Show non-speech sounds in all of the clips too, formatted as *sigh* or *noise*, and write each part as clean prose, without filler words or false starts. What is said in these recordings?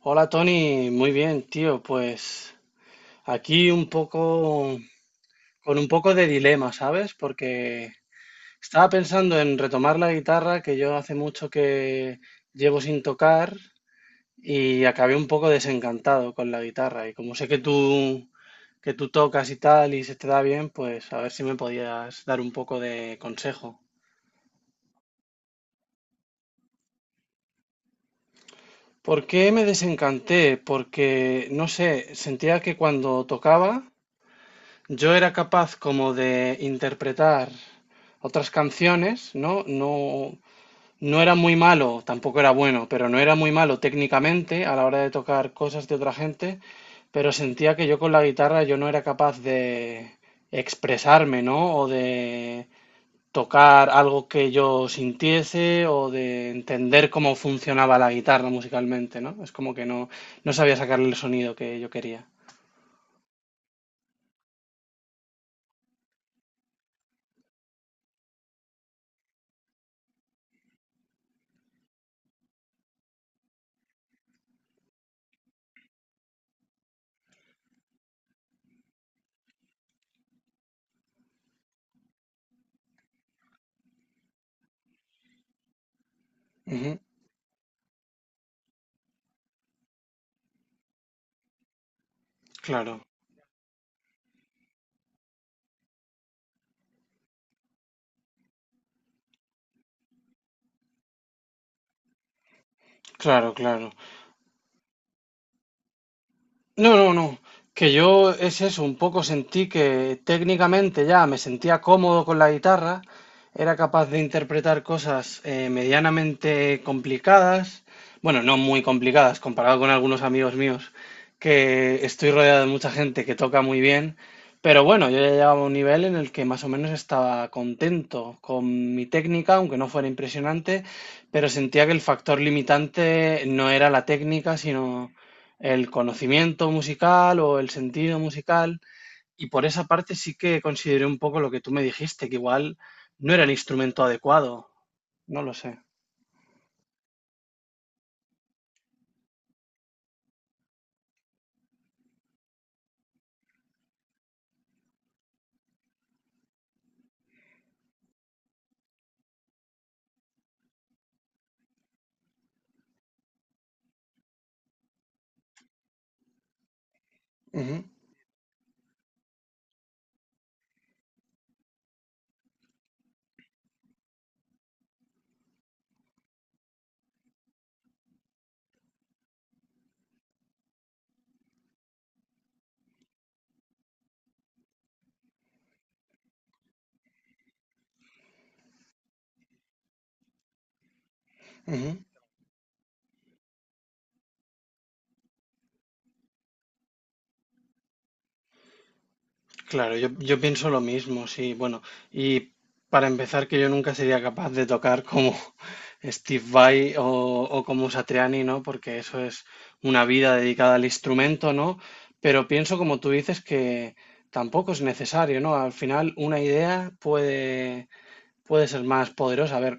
Hola Tony, muy bien, tío. Pues aquí un poco, con un poco de dilema, ¿sabes? Porque estaba pensando en retomar la guitarra, que yo hace mucho que llevo sin tocar, y acabé un poco desencantado con la guitarra. Y como sé que tú tocas y tal, y se te da bien, pues a ver si me podías dar un poco de consejo. ¿Por qué me desencanté? Porque, no sé, sentía que cuando tocaba yo era capaz como de interpretar otras canciones, ¿no? No, no era muy malo, tampoco era bueno, pero no era muy malo técnicamente a la hora de tocar cosas de otra gente, pero sentía que yo con la guitarra yo no era capaz de expresarme, ¿no? O de tocar algo que yo sintiese o de entender cómo funcionaba la guitarra musicalmente, ¿no? Es como que no, no sabía sacarle el sonido que yo quería. Ujú. Claro, claro, claro. No, no, no. Que yo es eso, un poco sentí que técnicamente ya me sentía cómodo con la guitarra, era capaz de interpretar cosas medianamente complicadas, bueno, no muy complicadas comparado con algunos amigos míos, que estoy rodeado de mucha gente que toca muy bien, pero bueno, yo ya llegaba a un nivel en el que más o menos estaba contento con mi técnica, aunque no fuera impresionante, pero sentía que el factor limitante no era la técnica, sino el conocimiento musical o el sentido musical. Y por esa parte sí que consideré un poco lo que tú me dijiste, que igual no era el instrumento adecuado. No lo sé. Ujú, ujú. Claro, yo pienso lo mismo, sí. Bueno, y para empezar, que yo nunca sería capaz de tocar como *laughs* Steve Vai o como Satriani, ¿no? Porque eso es una vida dedicada al instrumento, ¿no? Pero pienso, como tú dices, que tampoco es necesario, ¿no? Al final, una idea puede ser más poderosa. A ver,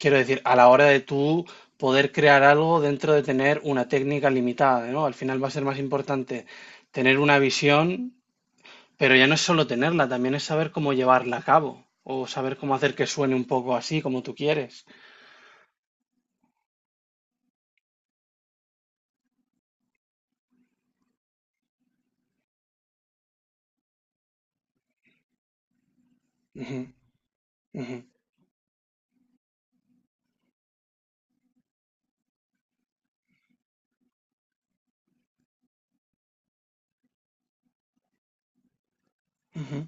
quiero decir, a la hora de tú poder crear algo dentro de tener una técnica limitada, ¿no? Al final va a ser más importante tener una visión, pero ya no es solo tenerla, también es saber cómo llevarla a cabo o saber cómo hacer que suene un poco así como tú quieres. Ujú, ujú, ujú.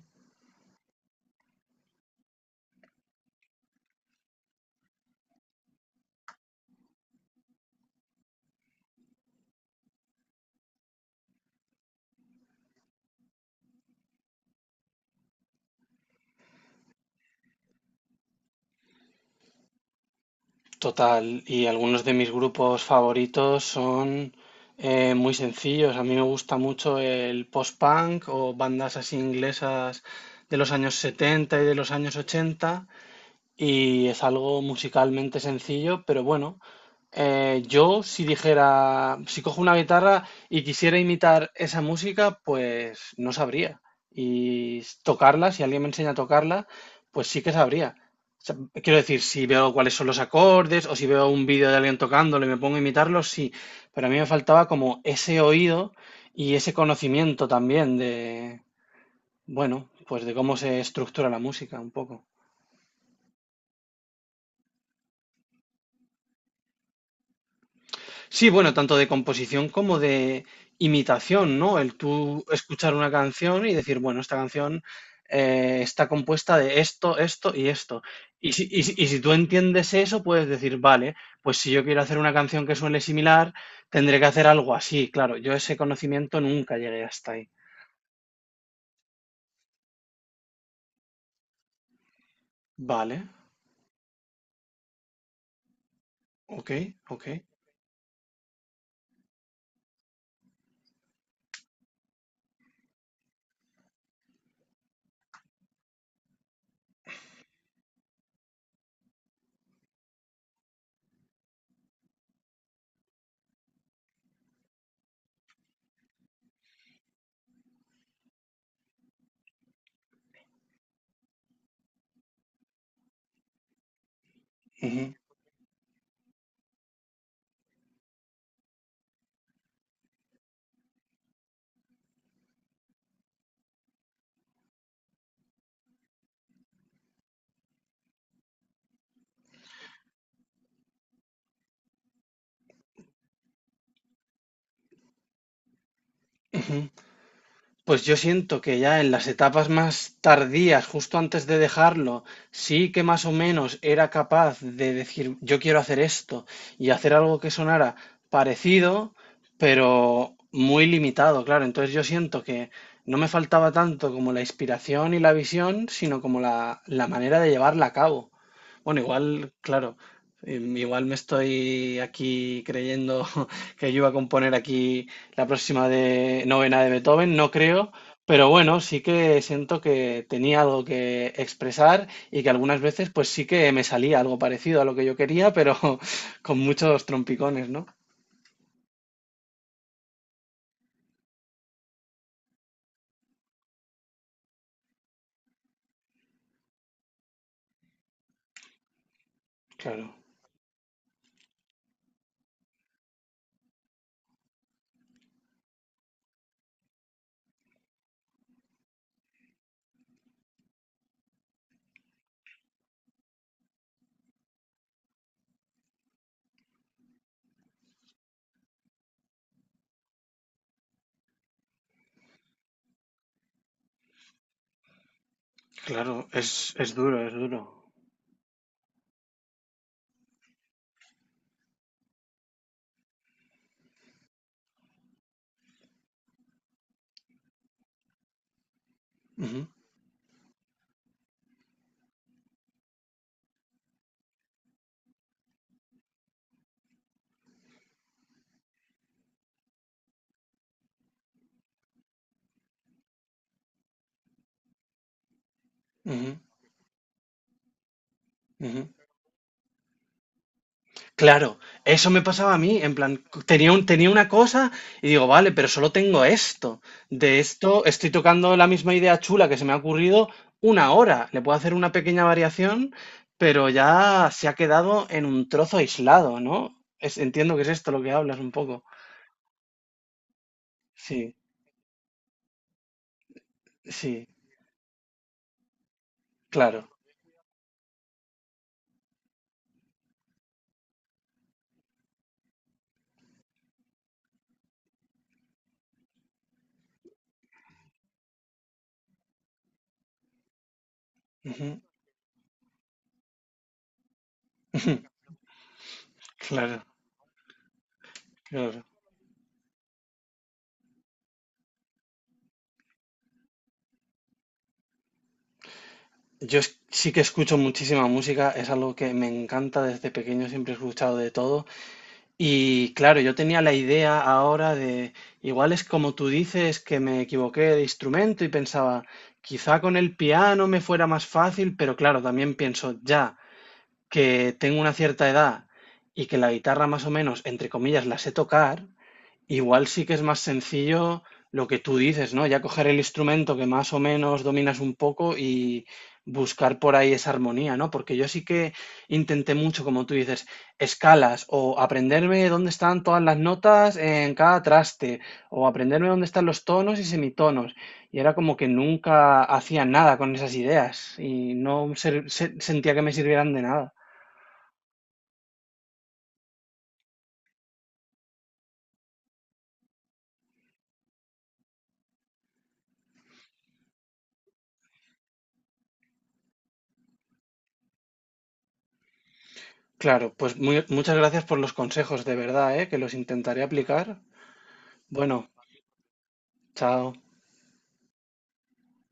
Total, y algunos de mis grupos favoritos son muy sencillos. A mí me gusta mucho el post-punk o bandas así inglesas de los años 70 y de los años 80. Y es algo musicalmente sencillo, pero bueno, yo si dijera, si cojo una guitarra y quisiera imitar esa música, pues no sabría. Y tocarla, si alguien me enseña a tocarla, pues sí que sabría. O sea, quiero decir, si veo cuáles son los acordes o si veo un vídeo de alguien tocándolo y me pongo a imitarlo, sí. Pero a mí me faltaba como ese oído y ese conocimiento también de, bueno, pues de cómo se estructura la música un poco. Sí, bueno, tanto de composición como de imitación, ¿no? El tú escuchar una canción y decir, bueno, esta canción está compuesta de esto, esto y esto. Y si, y si tú entiendes eso, puedes decir, vale, pues si yo quiero hacer una canción que suene similar, tendré que hacer algo así. Claro, yo ese conocimiento nunca llegué hasta ahí. Vale, ok, ok. Ujú, ujú. Pues yo siento que ya en las etapas más tardías, justo antes de dejarlo, sí que más o menos era capaz de decir, yo quiero hacer esto y hacer algo que sonara parecido, pero muy limitado, claro. Entonces yo siento que no me faltaba tanto como la inspiración y la visión, sino como la manera de llevarla a cabo. Bueno, igual, claro, igual me estoy aquí creyendo *laughs* que yo iba a componer aquí la próxima de novena de Beethoven, no creo, pero bueno, sí que siento que tenía algo que expresar y que algunas veces pues sí que me salía algo parecido a lo que yo quería, pero *laughs* con muchos trompicones, ¿no? Claro, claro, es duro, es duro. Ujú, ujú, ujú. Claro, eso me pasaba a mí, en plan, tenía un, tenía una cosa y digo, vale, pero solo tengo esto. De esto estoy tocando la misma idea chula que se me ha ocurrido una hora. Le puedo hacer una pequeña variación, pero ya se ha quedado en un trozo aislado, ¿no? Entiendo que es esto lo que hablas un poco. Sí, sí, claro. Ujú. *laughs* Claro, claro. Yo sí que escucho muchísima música, es algo que me encanta desde pequeño, siempre he escuchado de todo. Y claro, yo tenía la idea ahora de, igual es como tú dices, que me equivoqué de instrumento y pensaba, quizá con el piano me fuera más fácil, pero claro, también pienso ya que tengo una cierta edad y que la guitarra más o menos, entre comillas, la sé tocar. Igual sí que es más sencillo lo que tú dices, ¿no? Ya coger el instrumento que más o menos dominas un poco y buscar por ahí esa armonía, ¿no? Porque yo sí que intenté mucho, como tú dices, escalas o aprenderme dónde están todas las notas en cada traste o aprenderme dónde están los tonos y semitonos. Y era como que nunca hacía nada con esas ideas y no sentía que me sirvieran de nada. Claro, pues muchas gracias por los consejos, de verdad, ¿eh? Que los intentaré aplicar. Bueno. Chao.